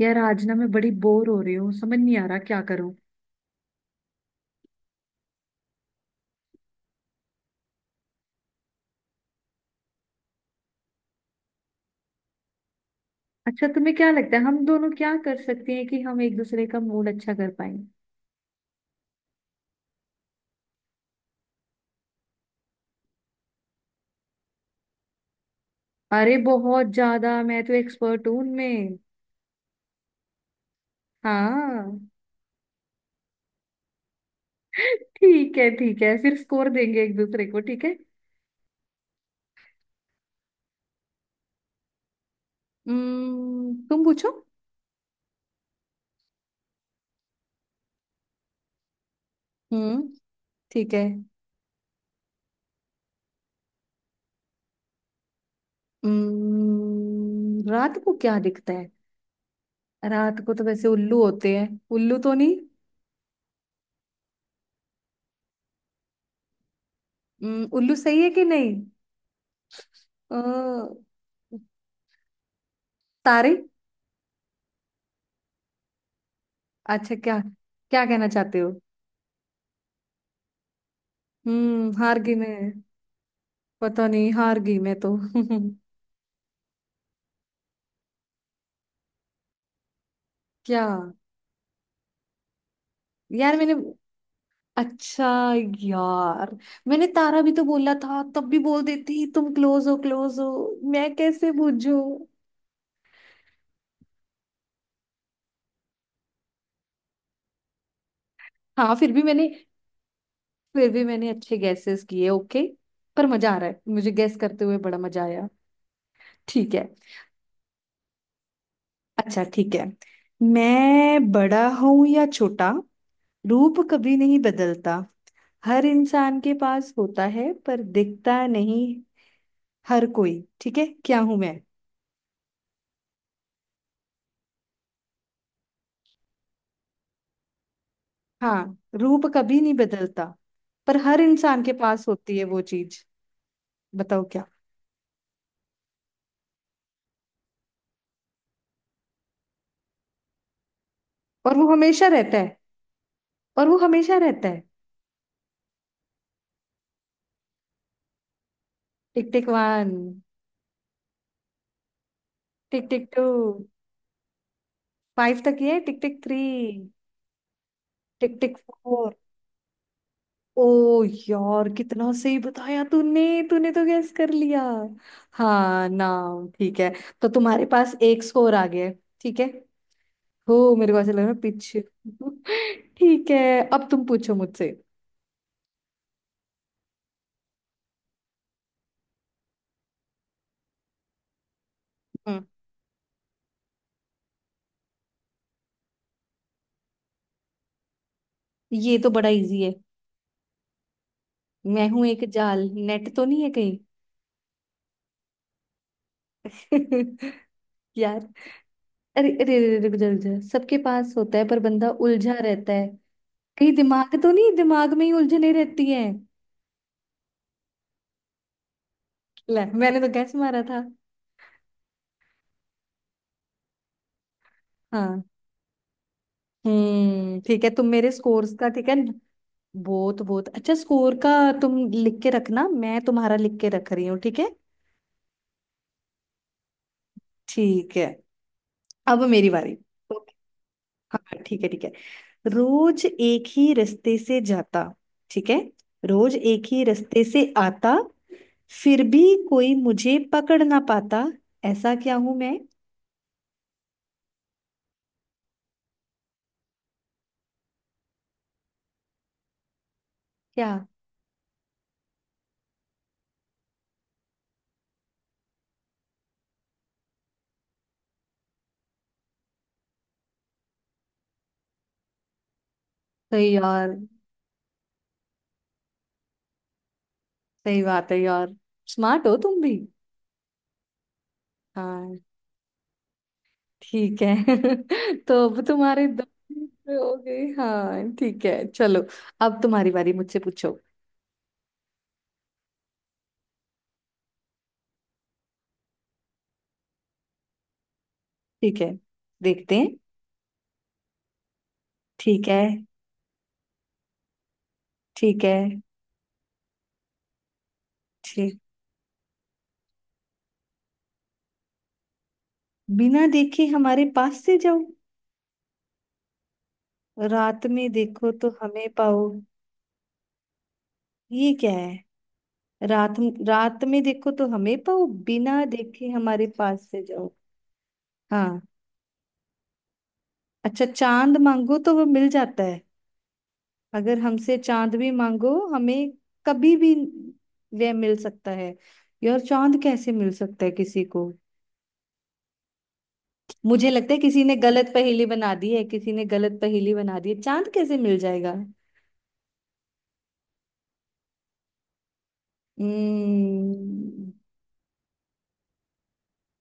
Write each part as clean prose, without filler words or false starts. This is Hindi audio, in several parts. यार, आज ना मैं बड़ी बोर हो रही हूँ। समझ नहीं आ रहा क्या करूँ। अच्छा, तुम्हें क्या लगता है हम दोनों क्या कर सकते हैं कि हम एक दूसरे का मूड अच्छा कर पाए? अरे बहुत ज्यादा! मैं तो एक्सपर्ट हूँ उनमें। हाँ। ठीक है, ठीक है। फिर स्कोर देंगे एक दूसरे को, ठीक है। तुम पूछो। हम्म। ठीक है। रात को क्या दिखता है? रात को तो वैसे उल्लू होते हैं। उल्लू तो नहीं? उल्लू सही है कि नहीं? अ, तारे। अच्छा, क्या? क्या कहना चाहते हो? हार गई मैं। पता नहीं, हार गई मैं तो। क्या? यार, मैंने। अच्छा। यार, मैंने तारा भी तो बोला था। तब भी बोल देती तुम क्लोज हो, क्लोज हो। मैं कैसे बूझू? हाँ, फिर भी मैंने। फिर भी मैंने अच्छे गैसेस किए, ओके। पर मजा आ रहा है मुझे गैस करते हुए। बड़ा मजा आया। ठीक है। अच्छा, ठीक है। मैं बड़ा हूं या छोटा? रूप कभी नहीं बदलता। हर इंसान के पास होता है पर दिखता नहीं। हर कोई। ठीक है, क्या हूं मैं? हाँ, रूप कभी नहीं बदलता। पर हर इंसान के पास होती है वो चीज। बताओ क्या? और वो हमेशा रहता है। और वो हमेशा रहता है। Tick tick one. Tick tick two. Five तक ये। Tick tick three. Tick tick four. ओ, यार, कितना सही बताया तूने! तूने तो गैस कर लिया। हाँ, नाम ठीक है। तो तुम्हारे पास एक स्कोर आ गया है, ठीक है। हो, मेरे को ऐसा लग रहा है पीछे। ठीक है। अब तुम पूछो मुझसे। हम्म। ये तो बड़ा इजी है। मैं हूं एक जाल? नेट तो नहीं है कहीं? यार। अरे अरे अरे, रुक जा रुक जा। सबके पास होता है पर बंदा उलझा रहता है। कहीं दिमाग तो नहीं? दिमाग में ही उलझने रहती है। ले, मैंने तो गैस मारा था। हाँ। ठीक है, तुम मेरे स्कोर्स का। ठीक है। बहुत बहुत अच्छा स्कोर का। तुम लिख के रखना, मैं तुम्हारा लिख के रख रही हूँ, ठीक है। ठीक है। अब मेरी बारी। ओके। हाँ, ठीक है, ठीक है। रोज एक ही रास्ते से जाता। ठीक है। रोज एक ही रास्ते से आता। फिर भी। कोई मुझे पकड़ ना पाता। ऐसा क्या हूं मैं? क्या? सही यार। सही बात है यार। स्मार्ट हो तुम भी। हाँ, ठीक है। तो अब तुम्हारे दो मिनट हो गए। हाँ, ठीक है, चलो। अब तुम्हारी बारी, मुझसे पूछो। ठीक है। देखते हैं। ठीक है, ठीक है, ठीक। बिना देखे हमारे पास से जाओ। रात में देखो तो हमें पाओ। ये क्या है? रात। रात में देखो तो हमें पाओ, बिना देखे हमारे पास से जाओ। हाँ। अच्छा, चांद मांगो तो वो मिल जाता है? अगर हमसे चांद भी मांगो हमें। कभी भी। वह मिल सकता है। यार, चांद कैसे मिल सकता है किसी को? मुझे लगता है किसी ने गलत पहेली बना दी है, किसी ने गलत पहेली बना दी है। चांद कैसे मिल जाएगा? हम्म।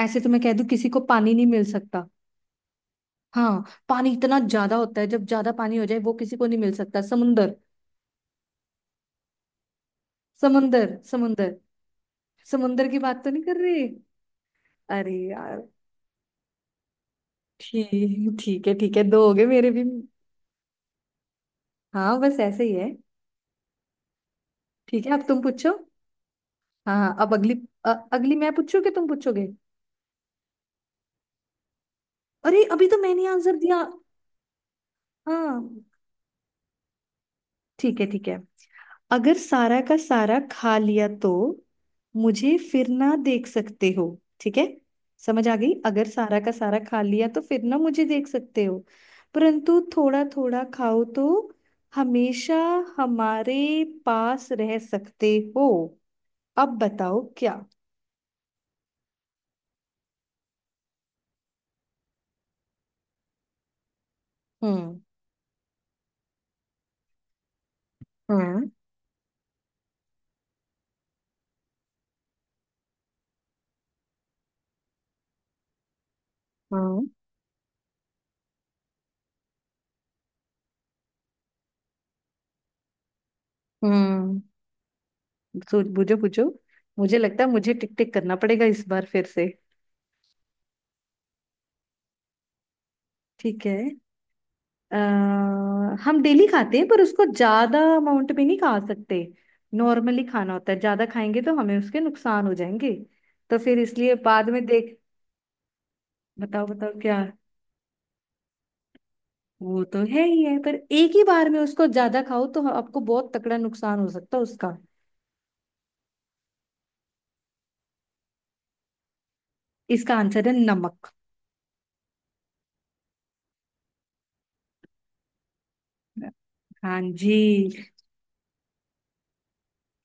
ऐसे तो मैं कह दूं किसी को पानी नहीं मिल सकता। हाँ, पानी इतना ज्यादा होता है, जब ज्यादा पानी हो जाए वो किसी को नहीं मिल सकता। समुंदर। समुंदर, समुंदर। समुंदर की बात तो नहीं कर रही? अरे यार। ठीक, ठीक है। ठीक है, दो हो गए मेरे भी। हाँ, बस ऐसे ही है। ठीक है, अब तुम पूछो। हाँ हाँ, अब अगली। अगली मैं पूछूं कि तुम पूछोगे? अरे, अभी तो मैंने आंसर दिया। हाँ, ठीक है, ठीक है। अगर सारा का सारा खा लिया तो। मुझे फिर ना देख सकते हो। ठीक है। समझ आ गई। अगर सारा का सारा खा लिया तो फिर ना मुझे देख सकते हो। परंतु थोड़ा थोड़ा खाओ तो हमेशा हमारे पास रह सकते हो। अब बताओ क्या? हम्म, हम्म, हम्म, हम्म। सोच, बुझो बुझो। मुझे लगता है मुझे टिक टिक करना पड़ेगा इस बार फिर से। ठीक है। अ, हम डेली खाते हैं पर उसको ज्यादा अमाउंट में नहीं खा सकते। नॉर्मली खाना होता है, ज्यादा खाएंगे तो हमें उसके नुकसान हो जाएंगे। तो फिर इसलिए बाद में देख। बताओ बताओ क्या? वो तो है ही है, पर एक ही बार में उसको ज्यादा खाओ तो आपको बहुत तकड़ा नुकसान हो सकता है उसका। इसका आंसर है नमक। हाँ जी।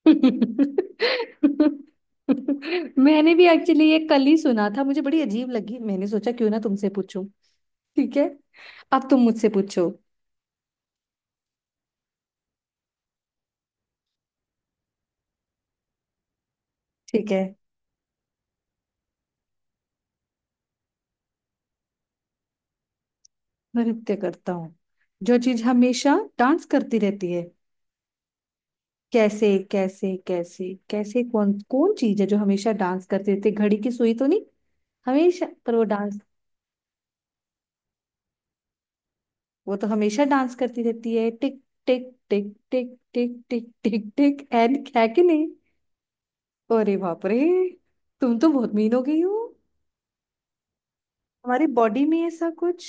मैंने भी एक्चुअली ये कल ही सुना था। मुझे बड़ी अजीब लगी, मैंने सोचा क्यों ना तुमसे पूछूं। ठीक है। अब तुम मुझसे पूछो। ठीक है। मैं नृत्य करता हूँ। जो चीज हमेशा डांस करती रहती है? कैसे कैसे, कैसे कैसे, कौन कौन चीज है जो हमेशा डांस करती रहती है? घड़ी की सुई तो नहीं? हमेशा पर वो डांस। वो तो हमेशा डांस करती रहती है tick tick tick tick tick tick tick tick and, क्या कि नहीं? अरे बाप रे! तुम तो बहुत मीन हो गई हो। हमारी बॉडी में ऐसा कुछ।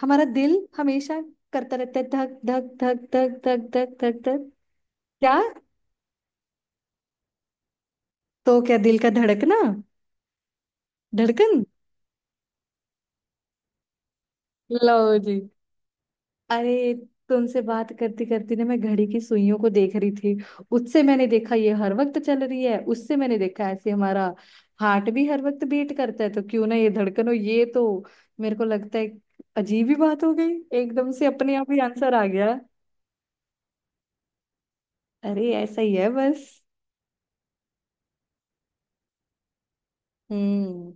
हमारा दिल हमेशा। करता रहता है धक धक, धक धक, धक धक, धक धक। क्या? तो क्या दिल का धड़कना? धड़कन। लो जी। अरे, तुमसे बात करते करते ना, मैं घड़ी की सुइयों को देख रही थी। उससे मैंने देखा ये हर वक्त चल रही है, उससे मैंने देखा ऐसे हमारा। हार्ट भी हर वक्त बीट करता है, तो क्यों ना ये धड़कन हो, ये तो। मेरे को लगता है। अजीब ही बात हो गई। एकदम से अपने आप ही आंसर आ गया। अरे, ऐसा ही है बस। हम्म।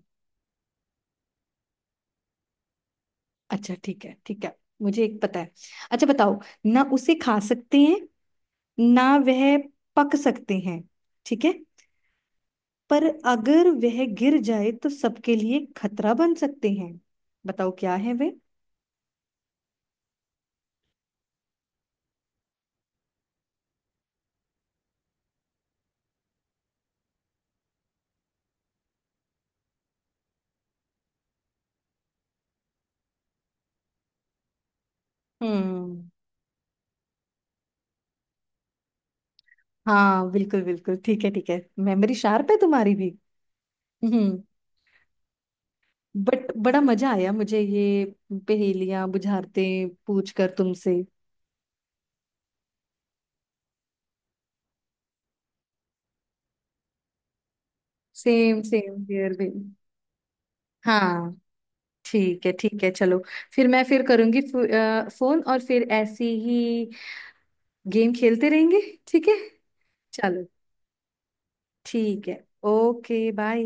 अच्छा, ठीक है, ठीक है। मुझे एक पता है। अच्छा, बताओ। ना उसे खा सकते हैं। ना वह। पक सकते हैं। ठीक है। पर अगर वह गिर जाए तो सबके लिए खतरा बन सकते हैं। बताओ क्या है वे? हम्म। हाँ, बिल्कुल बिल्कुल ठीक है, ठीक है। मेमोरी शार्प है तुम्हारी भी। हम्म। बट बड़ा मजा आया मुझे ये। पहेलियां बुझारते। पूछ कर तुमसे। सेम सेम हियर भी। हाँ, ठीक है, ठीक है, चलो। फिर मैं फिर करूंगी फोन और फिर ऐसी ही। गेम खेलते रहेंगे। ठीक है। चलो। ठीक है। Okay, bye.